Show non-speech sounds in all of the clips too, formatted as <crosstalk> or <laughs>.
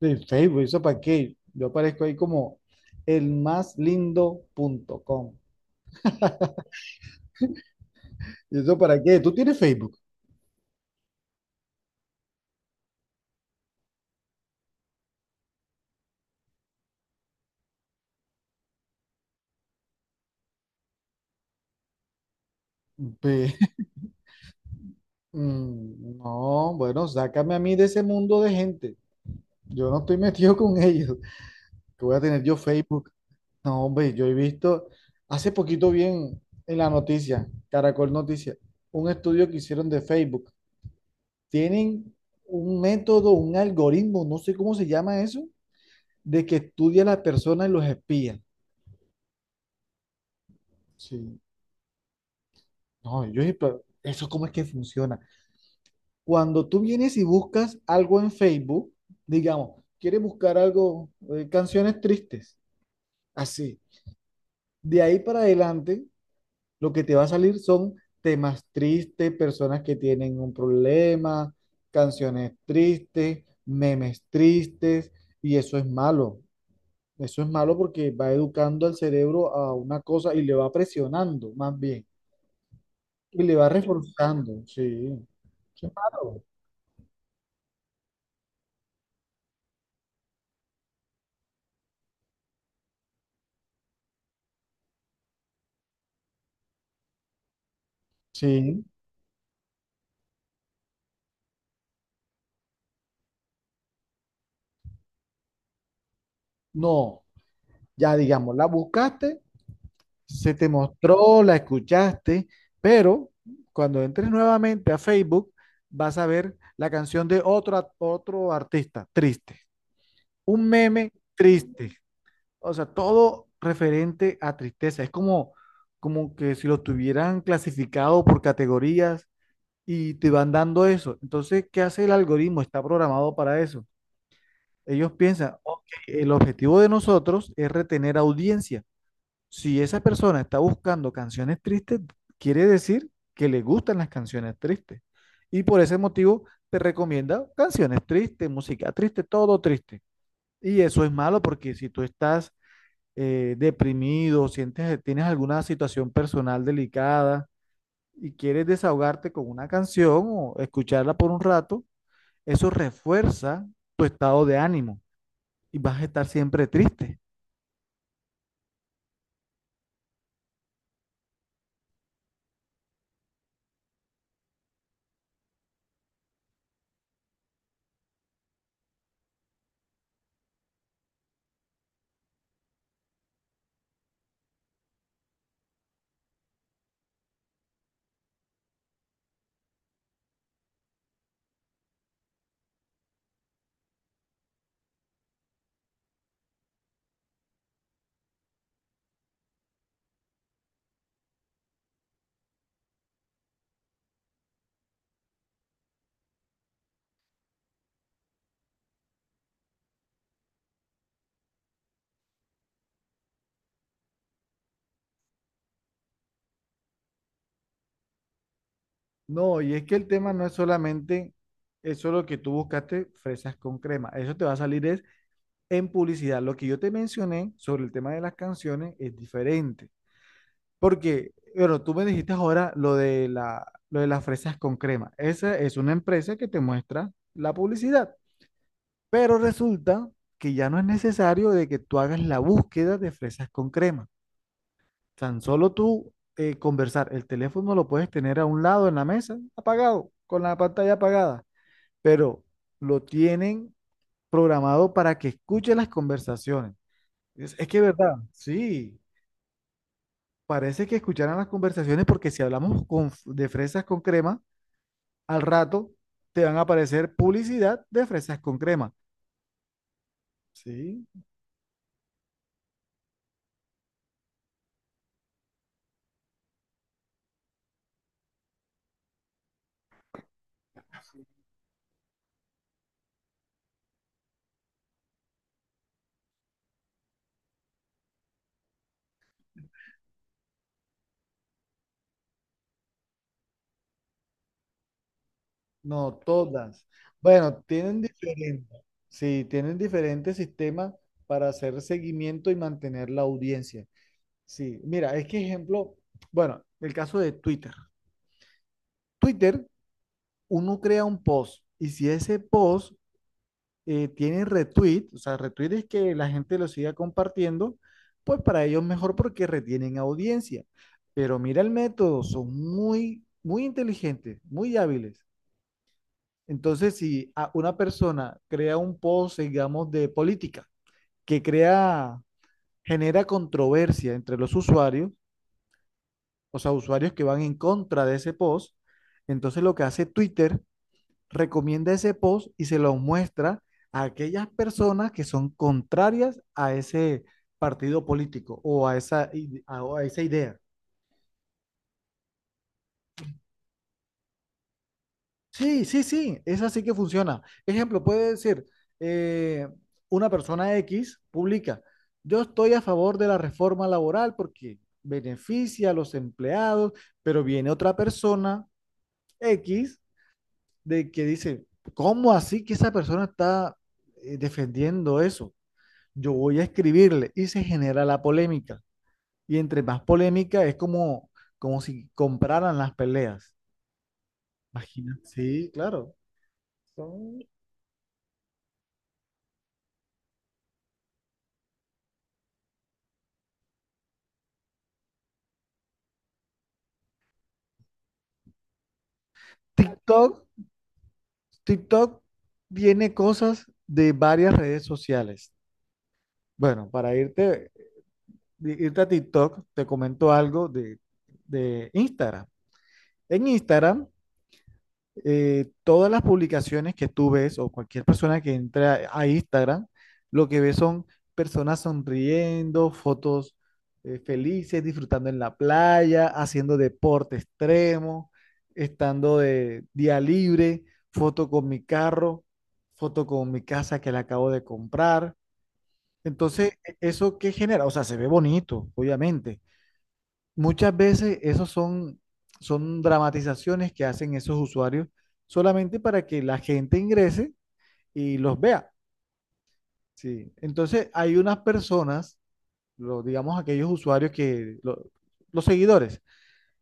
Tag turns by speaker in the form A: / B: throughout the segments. A: De Facebook, ¿eso para qué? Yo aparezco ahí como elmaslindo.com. <laughs> ¿Y eso para qué? ¿Tú tienes Facebook? Pe- No, bueno, sácame a mí de ese mundo de gente. Yo no estoy <laughs> metido con ellos. Que voy a tener yo Facebook. No, hombre, yo he visto hace poquito bien en la noticia, Caracol Noticias, un estudio que hicieron de Facebook. Tienen un método, un algoritmo, no sé cómo se llama eso, de que estudia a la persona y los espía. Sí. No, yo pero eso cómo es que funciona. Cuando tú vienes y buscas algo en Facebook, digamos, quieres buscar algo, canciones tristes, así. De ahí para adelante, lo que te va a salir son temas tristes, personas que tienen un problema, canciones tristes, memes tristes, y eso es malo. Eso es malo porque va educando al cerebro a una cosa y le va presionando más bien. Y le va reforzando, sí, claro, sí, no, ya digamos, la buscaste, se te mostró, la escuchaste, pero cuando entres nuevamente a Facebook vas a ver la canción de otro, otro artista, triste, un meme triste, o sea, todo referente a tristeza, es como, como que si lo tuvieran clasificado por categorías y te van dando eso. Entonces, ¿qué hace el algoritmo? Está programado para eso. Ellos piensan, ok, el objetivo de nosotros es retener audiencia. Si esa persona está buscando canciones tristes, quiere decir que le gustan las canciones tristes. Y por ese motivo te recomienda canciones tristes, música triste, todo triste. Y eso es malo porque si tú estás deprimido, sientes, tienes alguna situación personal delicada y quieres desahogarte con una canción o escucharla por un rato, eso refuerza tu estado de ánimo y vas a estar siempre triste. No, y es que el tema no es solamente eso lo que tú buscaste, fresas con crema. Eso te va a salir es en publicidad. Lo que yo te mencioné sobre el tema de las canciones es diferente. Porque, bueno, tú me dijiste ahora lo de las fresas con crema. Esa es una empresa que te muestra la publicidad. Pero resulta que ya no es necesario de que tú hagas la búsqueda de fresas con crema. Tan solo tú conversar, el teléfono lo puedes tener a un lado en la mesa, apagado, con la pantalla apagada, pero lo tienen programado para que escuche las conversaciones. Es que es verdad, sí, parece que escucharan las conversaciones porque si hablamos de fresas con crema, al rato te van a aparecer publicidad de fresas con crema. Sí, no, todas. Bueno, tienen diferentes, sí, tienen diferentes sistemas para hacer seguimiento y mantener la audiencia. Sí, mira, es que ejemplo, bueno, el caso de Twitter. Twitter, uno crea un post y si ese post tiene retweet, o sea, retweet es que la gente lo siga compartiendo, pues para ellos mejor porque retienen audiencia. Pero mira el método, son muy, muy inteligentes, muy hábiles. Entonces, si una persona crea un post, digamos, de política, que crea, genera controversia entre los usuarios, o sea, usuarios que van en contra de ese post, entonces lo que hace Twitter, recomienda ese post y se lo muestra a aquellas personas que son contrarias a ese partido político o a esa, ide- a- o a esa idea. Sí, sí, sí, es así que funciona. Ejemplo, puede decir, eh, una persona X publica, yo estoy a favor de la reforma laboral porque beneficia a los empleados, pero viene otra persona X de que dice, ¿cómo así que esa persona está defendiendo eso? Yo voy a escribirle y se genera la polémica. Y entre más polémica es como, como si compraran las peleas. Imagina. Sí, claro. Son TikTok TikTok tiene cosas de varias redes sociales. Bueno, irte a TikTok, te comento algo de Instagram. En Instagram todas las publicaciones que tú ves o cualquier persona que entra a Instagram, lo que ve son personas sonriendo, fotos felices, disfrutando en la playa, haciendo deporte extremo, estando de día libre, foto con mi carro, foto con mi casa que la acabo de comprar. Entonces, ¿eso qué genera? O sea, se ve bonito, obviamente, muchas veces esos son, son dramatizaciones que hacen esos usuarios solamente para que la gente ingrese y los vea. Sí. Entonces hay unas personas, lo, digamos aquellos usuarios que, los seguidores,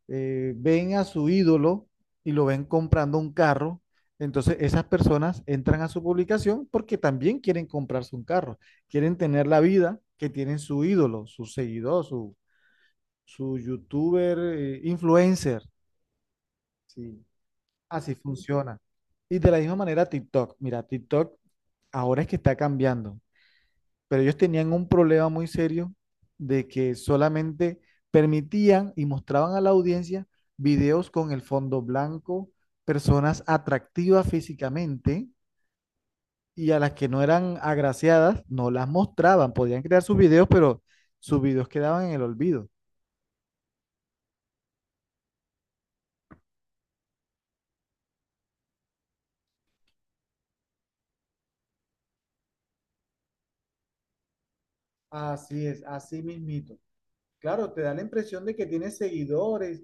A: ven a su ídolo y lo ven comprando un carro. Entonces esas personas entran a su publicación porque también quieren comprarse un carro, quieren tener la vida que tienen su ídolo, su seguidor, su youtuber, influencer. Sí, así funciona. Y de la misma manera TikTok. Mira, TikTok ahora es que está cambiando, pero ellos tenían un problema muy serio de que solamente permitían y mostraban a la audiencia videos con el fondo blanco, personas atractivas físicamente y a las que no eran agraciadas no las mostraban. Podían crear sus videos, pero sus videos quedaban en el olvido. Así es, así mismito. Claro, te da la impresión de que tienes seguidores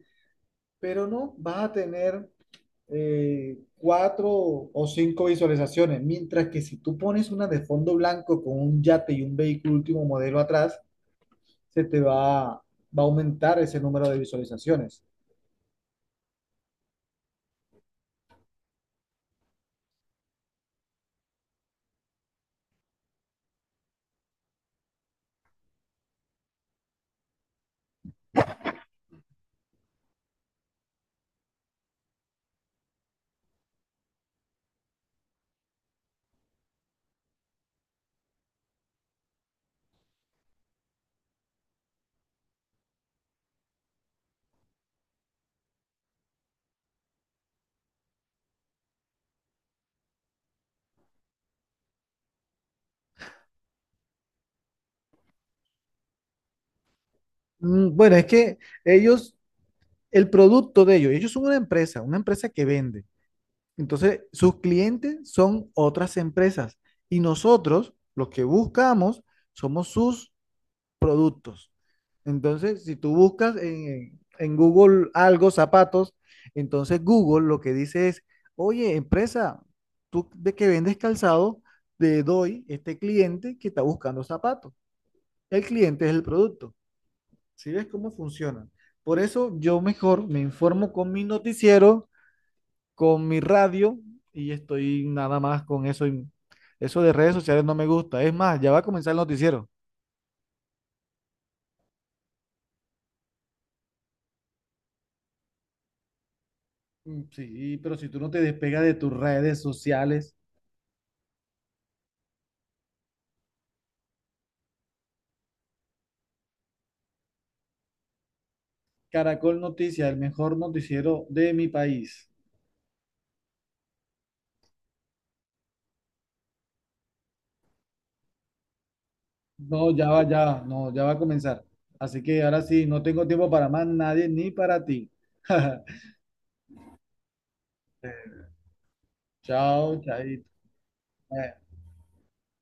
A: pero no vas a tener cuatro o cinco visualizaciones, mientras que si tú pones una de fondo blanco con un yate y un vehículo último modelo atrás, se te va a aumentar ese número de visualizaciones. Bueno, es que ellos, el producto de ellos, ellos son una empresa que vende. Entonces, sus clientes son otras empresas y nosotros, los que buscamos, somos sus productos. Entonces, si tú buscas en Google algo, zapatos, entonces Google lo que dice es, oye, empresa, tú de que vendes calzado, te doy este cliente que está buscando zapatos. El cliente es el producto. ¿Sí ves cómo funciona? Por eso yo mejor me informo con mi noticiero, con mi radio y estoy nada más con eso. Y eso de redes sociales no me gusta. Es más, ya va a comenzar el noticiero. Sí, pero si tú no te despegas de tus redes sociales, Caracol Noticias, el mejor noticiero de mi país. No, ya va, no, ya va a comenzar. Así que ahora sí, no tengo tiempo para más nadie ni para ti. <laughs> Chao, chaito.